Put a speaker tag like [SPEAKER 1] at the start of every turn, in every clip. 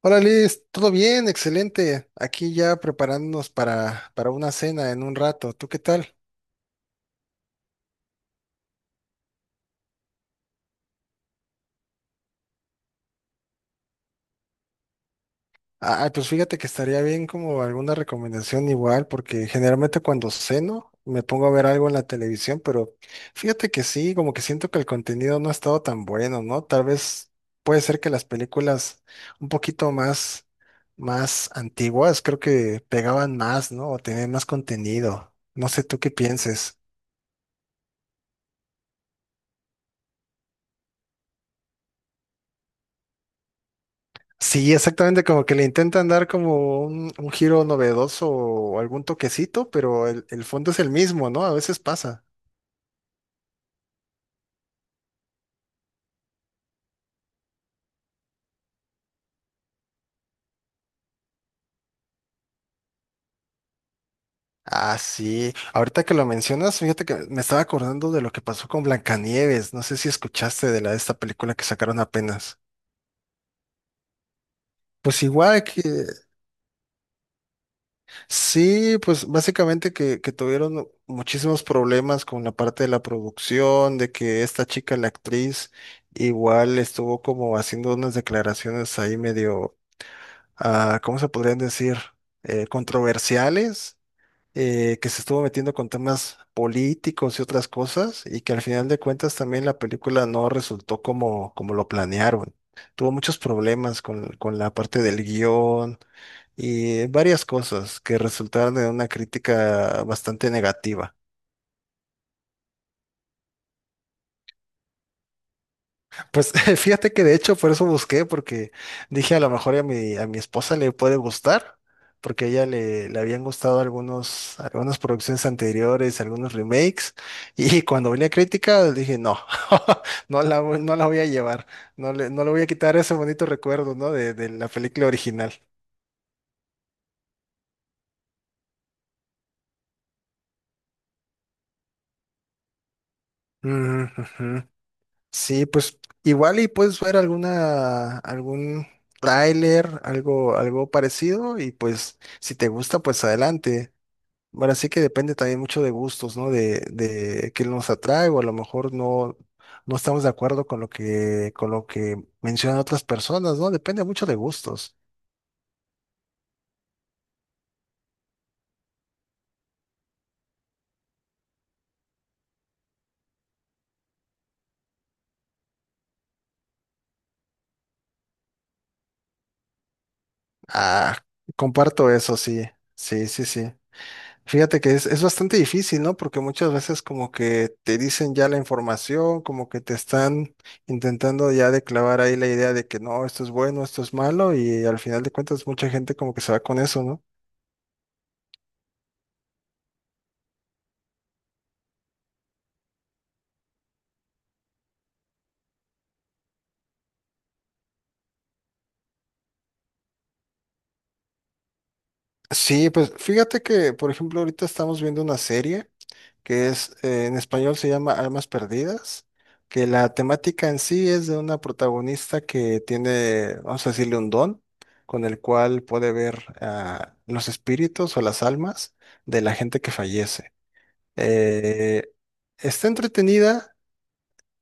[SPEAKER 1] Hola Liz, todo bien, excelente. Aquí ya preparándonos para una cena en un rato. ¿Tú qué tal? Ah, pues fíjate que estaría bien como alguna recomendación igual, porque generalmente cuando ceno me pongo a ver algo en la televisión, pero fíjate que sí, como que siento que el contenido no ha estado tan bueno, ¿no? Tal vez puede ser que las películas un poquito más, más antiguas, creo que pegaban más, ¿no? O tenían más contenido. No sé tú qué pienses. Sí, exactamente, como que le intentan dar como un giro novedoso o algún toquecito, pero el fondo es el mismo, ¿no? A veces pasa. Ah, sí. Ahorita que lo mencionas, fíjate que me estaba acordando de lo que pasó con Blancanieves. No sé si escuchaste de la de esta película que sacaron apenas. Pues igual que sí, pues básicamente que tuvieron muchísimos problemas con la parte de la producción, de que esta chica, la actriz, igual estuvo como haciendo unas declaraciones ahí medio ¿cómo se podrían decir? Controversiales, que se estuvo metiendo con temas políticos y otras cosas, y que al final de cuentas también la película no resultó como, como lo planearon. Tuvo muchos problemas con la parte del guión y varias cosas que resultaron en una crítica bastante negativa. Pues fíjate que de hecho por eso busqué, porque dije a lo mejor a mi esposa le puede gustar, porque a ella le habían gustado algunas producciones anteriores, algunos remakes, y cuando venía crítica dije, no, no la voy a llevar, no le voy a quitar ese bonito recuerdo, ¿no? De la película original. Ujú, ujú. Sí, pues igual y puedes ver algún tráiler, algo parecido, y pues si te gusta, pues adelante. Bueno, sí que depende también mucho de gustos, ¿no? De qué nos atrae o a lo mejor no, no estamos de acuerdo con lo que mencionan otras personas, ¿no? Depende mucho de gustos. Ah, comparto eso, sí, sí, sí, sí. Fíjate que es bastante difícil, ¿no? Porque muchas veces como que te dicen ya la información, como que te están intentando ya de clavar ahí la idea de que no, esto es bueno, esto es malo y al final de cuentas mucha gente como que se va con eso, ¿no? Sí, pues fíjate que, por ejemplo, ahorita estamos viendo una serie que es, en español se llama Almas Perdidas, que la temática en sí es de una protagonista que tiene, vamos a decirle, un don con el cual puede ver los espíritus o las almas de la gente que fallece. Eh, está entretenida,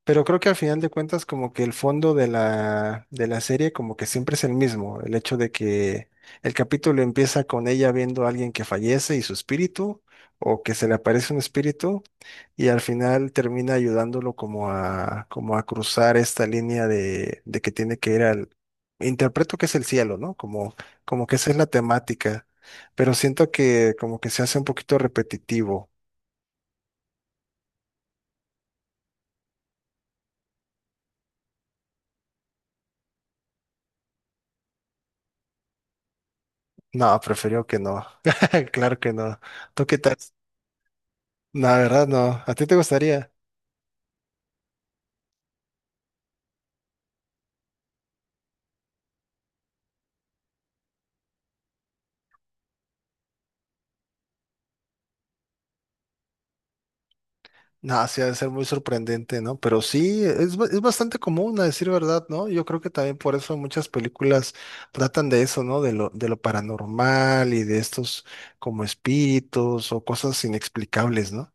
[SPEAKER 1] pero creo que al final de cuentas como que el fondo de la serie como que siempre es el mismo, el hecho de que el capítulo empieza con ella viendo a alguien que fallece y su espíritu, o que se le aparece un espíritu, y al final termina ayudándolo como a cruzar esta línea de que tiene que ir al, interpreto que es el cielo, ¿no? Como, como que esa es la temática, pero siento que como que se hace un poquito repetitivo. No, prefiero que no. Claro que no. ¿Tú qué tal? La verdad, no. ¿A ti te gustaría? No, sí, ha de ser muy sorprendente, ¿no? Pero sí, es, es bastante común, a decir verdad, ¿no? Yo creo que también por eso muchas películas tratan de eso, ¿no? De lo paranormal y de estos como espíritus o cosas inexplicables, ¿no?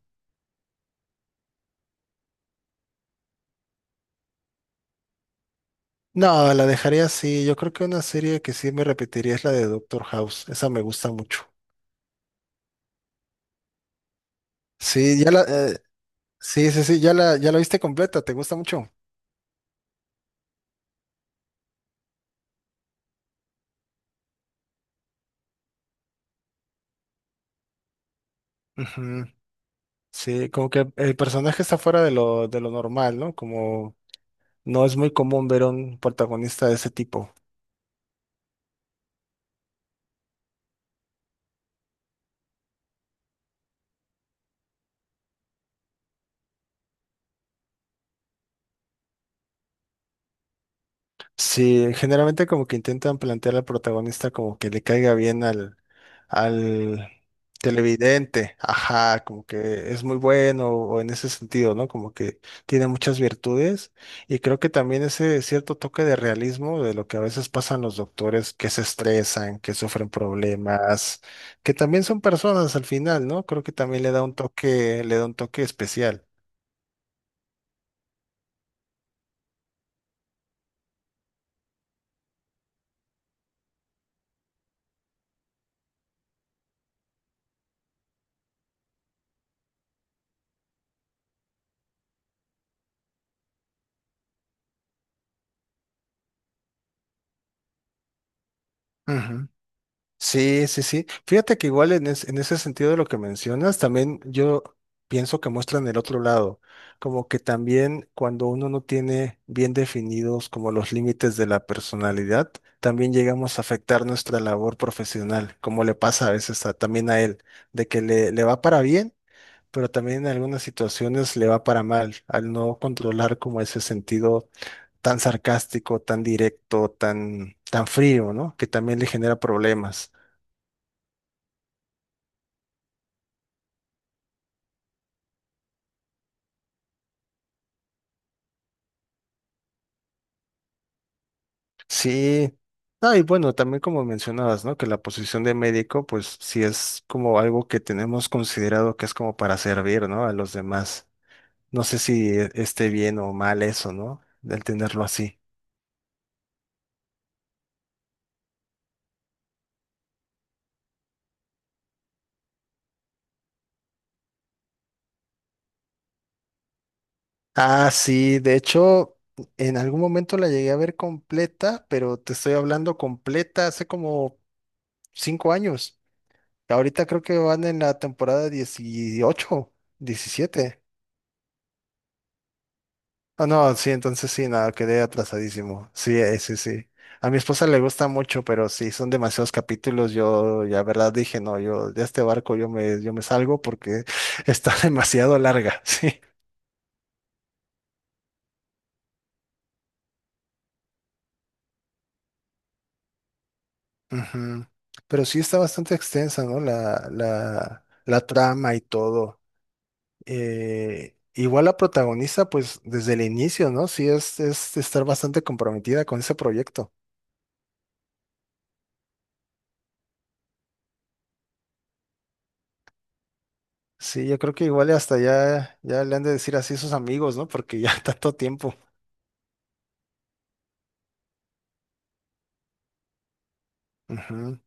[SPEAKER 1] No, la dejaría así. Yo creo que una serie que sí me repetiría es la de Doctor House. Esa me gusta mucho. Sí, sí, sí, sí, ya la viste completa. ¿Te gusta mucho? Ujú. Sí, como que el personaje está fuera de lo normal, ¿no? Como no es muy común ver un protagonista de ese tipo. Sí, generalmente como que intentan plantear al protagonista como que le caiga bien al televidente, ajá, como que es muy bueno o en ese sentido, ¿no? Como que tiene muchas virtudes y creo que también ese cierto toque de realismo de lo que a veces pasan los doctores que se estresan, que sufren problemas, que también son personas al final, ¿no? Creo que también le da un toque, le da un toque especial. Ujú. Sí, sí, sí. Fíjate que igual en, en ese sentido de lo que mencionas, también yo pienso que muestran el otro lado, como que también cuando uno no tiene bien definidos como los límites de la personalidad, también llegamos a afectar nuestra labor profesional, como le pasa a veces también a él, de que le va para bien, pero también en algunas situaciones le va para mal, al no controlar como ese sentido tan sarcástico, tan directo, tan frío, ¿no? Que también le genera problemas. Sí. Ah, y bueno, también como mencionabas, ¿no? Que la posición de médico, pues sí es como algo que tenemos considerado que es como para servir, ¿no? A los demás. No sé si esté bien o mal eso, ¿no? Del tenerlo así. Ah, sí, de hecho, en algún momento la llegué a ver completa, pero te estoy hablando completa hace como 5 años. Ahorita creo que van en la temporada 18, 17. Ah, no, sí, entonces sí, nada, quedé atrasadísimo. Sí, sí, sí. A mi esposa le gusta mucho, pero sí, son demasiados capítulos. Yo, ya verdad, dije, no, yo de este barco yo me salgo porque está demasiado larga, sí. Ujú. Pero sí está bastante extensa, ¿no? La trama y todo. Igual la protagonista, pues desde el inicio, ¿no? Sí, es estar bastante comprometida con ese proyecto. Sí, yo creo que igual y hasta ya le han de decir así a sus amigos, ¿no? Porque ya tanto tiempo. Ujú,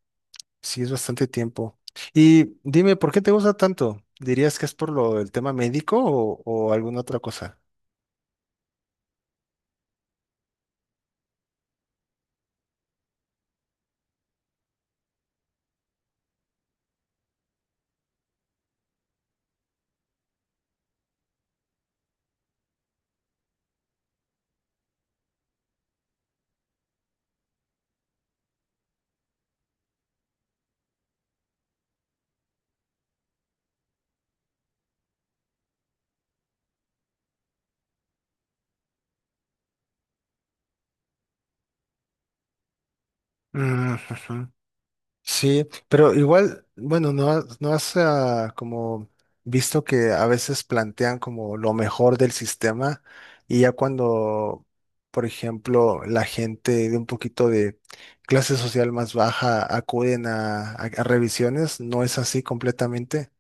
[SPEAKER 1] sí, es bastante tiempo. Y dime, ¿por qué te gusta tanto? ¿Dirías que es por lo, del tema médico o alguna otra cosa? Mm, ujú. Sí, pero igual, bueno, no, no has como visto que a veces plantean como lo mejor del sistema y ya cuando, por ejemplo, la gente de un poquito de clase social más baja acuden a, a revisiones, no es así completamente.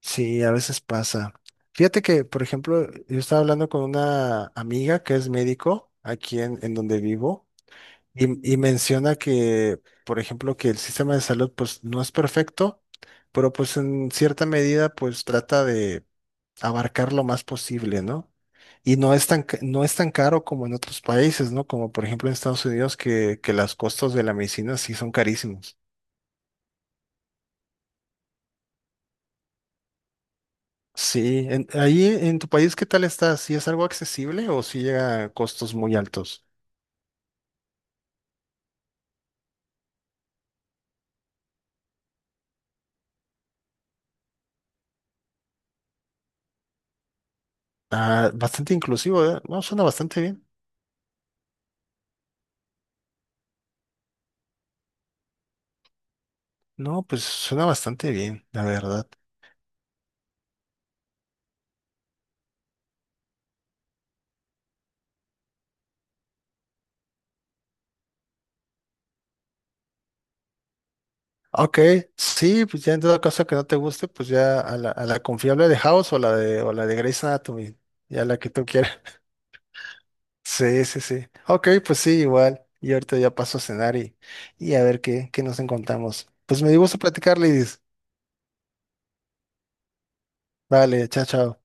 [SPEAKER 1] Sí, a veces pasa. Fíjate que, por ejemplo, yo estaba hablando con una amiga que es médico aquí en donde vivo. Y menciona que, por ejemplo, que el sistema de salud pues no es perfecto, pero pues en cierta medida pues trata de abarcar lo más posible, ¿no? Y no es tan, no es tan caro como en otros países, ¿no? Como por ejemplo en Estados Unidos que los costos de la medicina sí son carísimos. Sí, ahí en tu país, ¿qué tal está? ¿Sí es algo accesible o sí llega a costos muy altos? Ah, bastante inclusivo, ¿eh? No, suena bastante bien. No, pues suena bastante bien, la verdad. Ok, sí, pues ya en dado caso que no te guste, pues ya a la confiable de House o o la de Grey's Anatomy, ya la que tú quieras. Sí, sí, sí. Ok, pues sí, igual. Y ahorita ya paso a cenar y a ver qué nos encontramos. Pues me dio gusto platicar, Lidis. Vale, chao, chao.